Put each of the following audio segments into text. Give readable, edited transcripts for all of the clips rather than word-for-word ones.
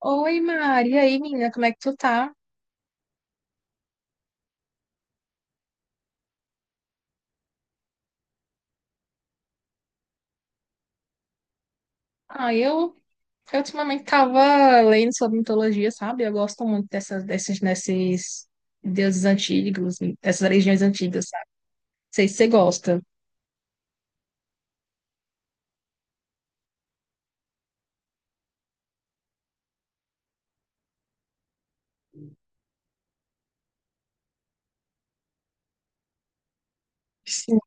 Oi, Mari. E aí, menina, como é que tu tá? Ah, eu, eu ultimamente tava lendo sobre mitologia, sabe? Eu gosto muito desses deuses antigos, dessas religiões antigas, sabe? Não sei se você gosta. Sim.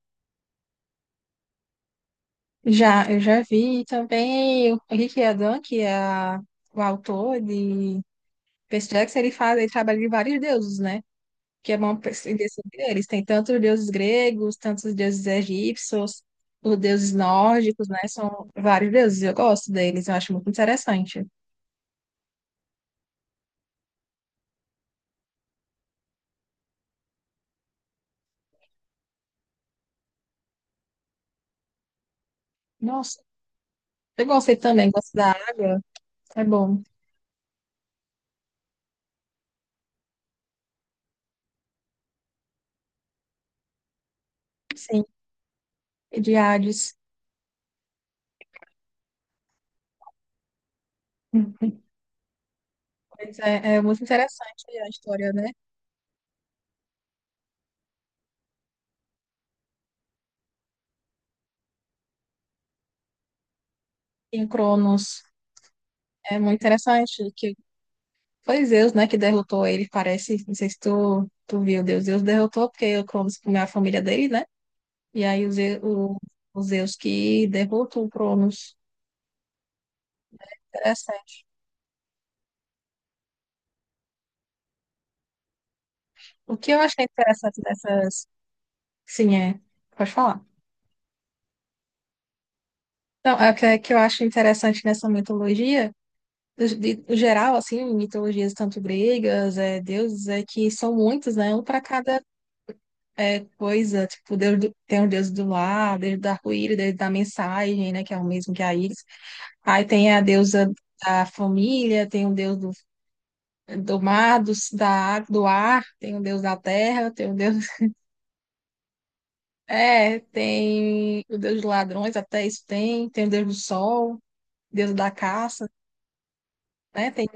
Já, eu já vi também o Henrique Adam, que é o autor de Percy Jackson, ele faz, ele trabalha de vários deuses, né? Que é bom perceber sobre eles. Tem tanto os deuses gregos, tanto os deuses egípcios, os deuses nórdicos, né? São vários deuses, eu gosto deles, eu acho muito interessante. Nossa, eu gostei também, gosto da água, é bom. Sim, e de Hades. Pois é, é muito interessante a história, né? Em Cronos, é muito interessante que foi Zeus, né, que derrotou ele, parece, não sei se tu viu, Deus, Deus derrotou porque o Cronos comeu a família dele, né? E aí os, os Zeus que derrotam o Cronos. Interessante. O que eu achei interessante dessas. Sim, é. Pode falar. Não, é que eu acho interessante nessa mitologia, no geral, assim, mitologias tanto gregas, é, deuses, é que são muitos, né? Um para cada coisa. Tipo, tem o deus do lar, deus do arco-íris, deus da mensagem, né? Que é o mesmo que a Íris. Aí tem a deusa da família, tem o deus do mar, do ar, tem o deus da terra, tem o deus. É, tem o deus dos ladrões, até isso tem, tem o deus do sol, deus da caça, né? Tem.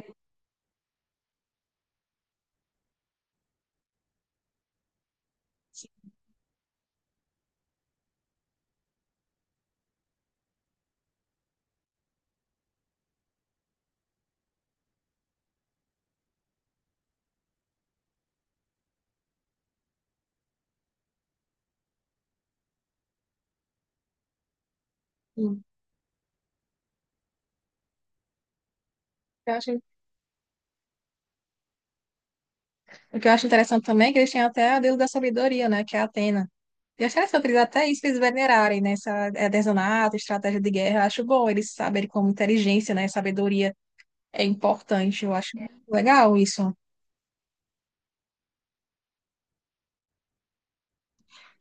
O que eu acho, o que eu acho interessante também é que eles têm até o deus da sabedoria, né? Que é Atena. E eu acho interessante eles até isso eles venerarem, né? Essa artesanato, estratégia de guerra. Eu acho bom eles saberem como inteligência, né? Sabedoria é importante. Eu acho legal isso.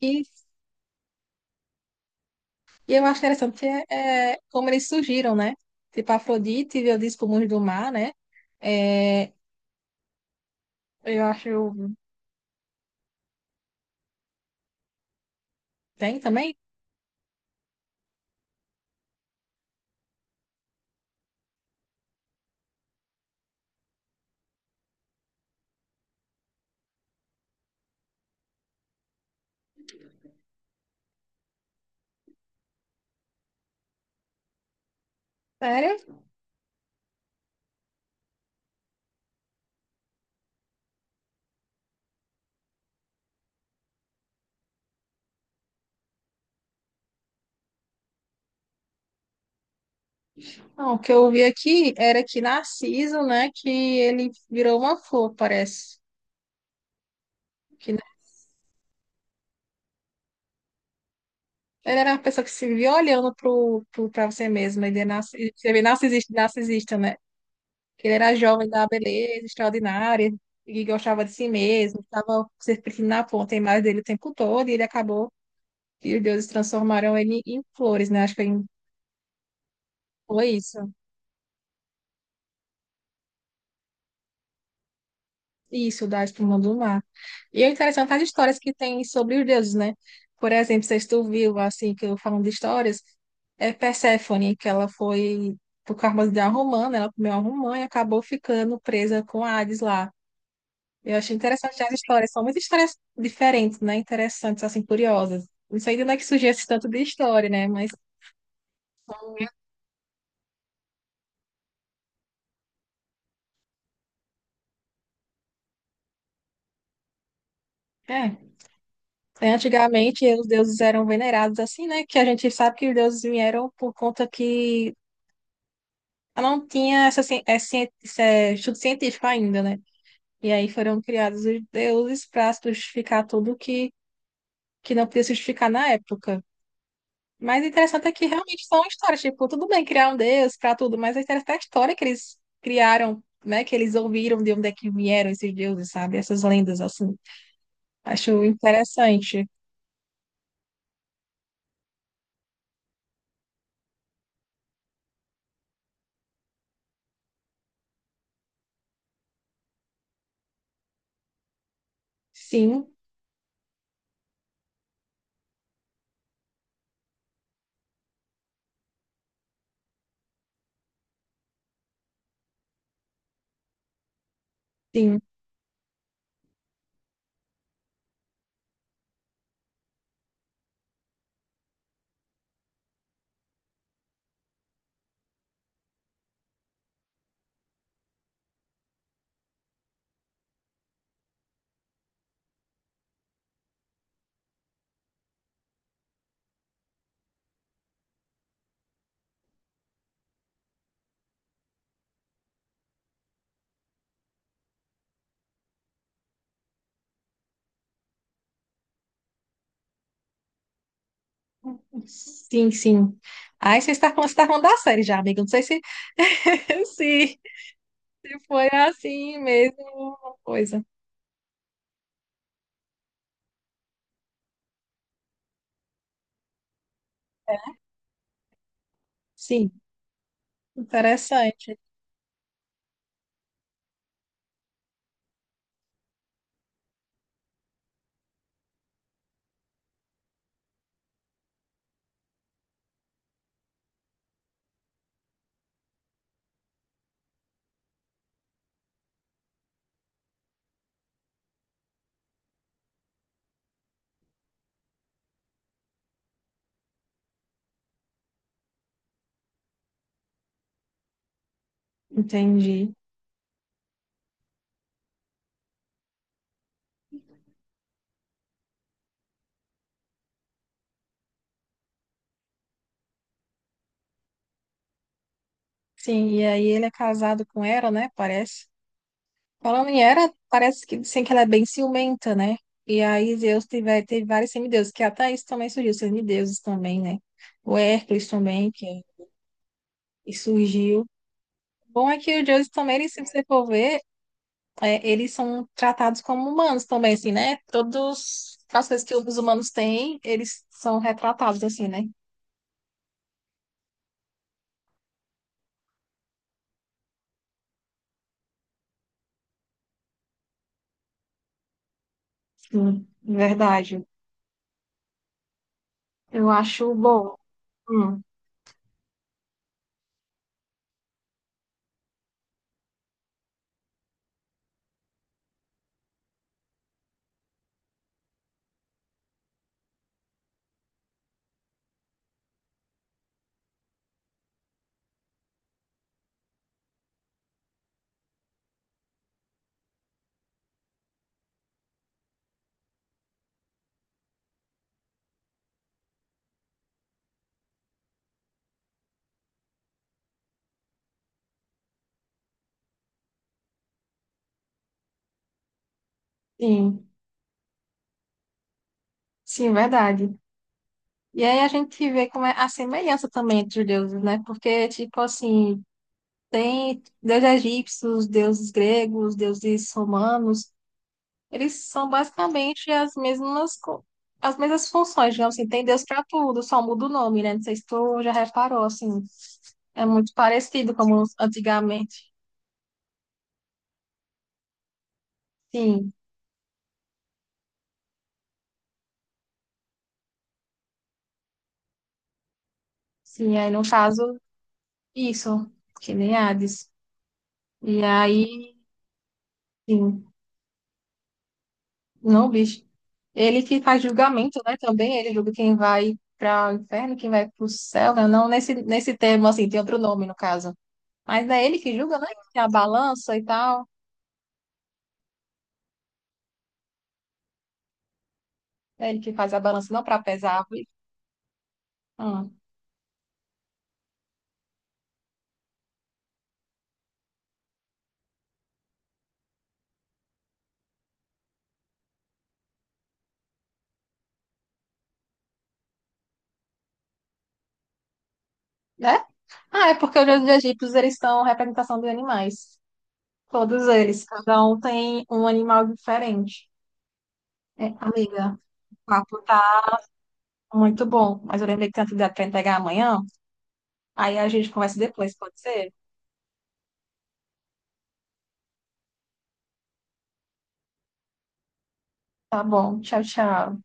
E E eu acho interessante porque, é, como eles surgiram, né? Tipo, Afrodite veio disso pro mundo do mar, né? É, eu acho. Tem também? Sério? Não, o que eu vi aqui era que Narciso, né? Que ele virou uma flor, parece. Que, né, ele era uma pessoa que se via olhando pra você mesma. Ele é você vê narcisista, narcisista, né? Que ele era jovem da beleza extraordinária e gostava de si mesmo, estava se sentindo na ponta a imagem dele o tempo todo e ele acabou. E os deuses transformaram ele em flores, né? Acho que ele foi isso. Isso, da espuma do mar. E é interessante as histórias que tem sobre os deuses, né? Por exemplo, se tu viu, assim, que eu falando de histórias, é Perséfone, que ela foi por causa de uma romã, né? Ela comeu uma romã e acabou ficando presa com Hades lá. Eu achei interessante as histórias. São muitas histórias diferentes, né? Interessantes, assim, curiosas. Não sei de onde é que surgiu esse tanto de história, né? Mas, é. É, antigamente, os deuses eram venerados assim, né? Que a gente sabe que os deuses vieram por conta que não tinha essa, esse é, estudo científico ainda, né? E aí foram criados os deuses para justificar tudo que não podia se justificar na época. Mas o interessante é que realmente são histórias. Tipo, tudo bem criar um deus para tudo, mas o interessante é a história que eles criaram, né? Que eles ouviram de onde é que vieram esses deuses, sabe? Essas lendas, assim. Acho interessante. Sim. Sim. Sim, sim. Aí você está falando da série já, amiga. Não sei se, se, se foi assim mesmo uma coisa. Sim, interessante. Entendi. Sim, e aí ele é casado com Hera, né? Parece. Falando em Hera, parece que dizem que ela é bem ciumenta, né? E aí Zeus teve vários semideuses, que até isso também surgiu, semideuses também, né? O Hércules também, que e surgiu. Bom é que o Zeus também, se você for ver, é, eles são tratados como humanos também, assim, né? Todas as coisas que os humanos têm, eles são retratados, assim, né? Sim, verdade. Eu acho bom. Hum. Sim, sim, verdade. E aí a gente vê como é a semelhança também entre os deuses, né? Porque, tipo assim, tem deuses egípcios, deuses gregos, deuses romanos, eles são basicamente as mesmas funções, digamos assim, tem Deus para tudo, só muda o nome, né? Não sei se tu já reparou, assim, é muito parecido como antigamente. Sim, sim, aí no caso, isso, que nem Hades. E aí, sim, não, bicho. Ele que faz julgamento, né? Também ele julga quem vai para o inferno, quem vai para o céu, né? Não nesse termo, assim, tem outro nome no caso. Mas é ele que julga, né? Tem a balança e tal. É ele que faz a balança não para pesar, árvores. Hum, né? Ah, é porque os egípcios eles são representação dos animais. Todos eles, cada um tem um animal diferente. É, amiga, o papo tá muito bom, mas eu lembrei que tem atividade para entregar amanhã. Aí a gente conversa depois, pode ser? Tá bom, tchau, tchau.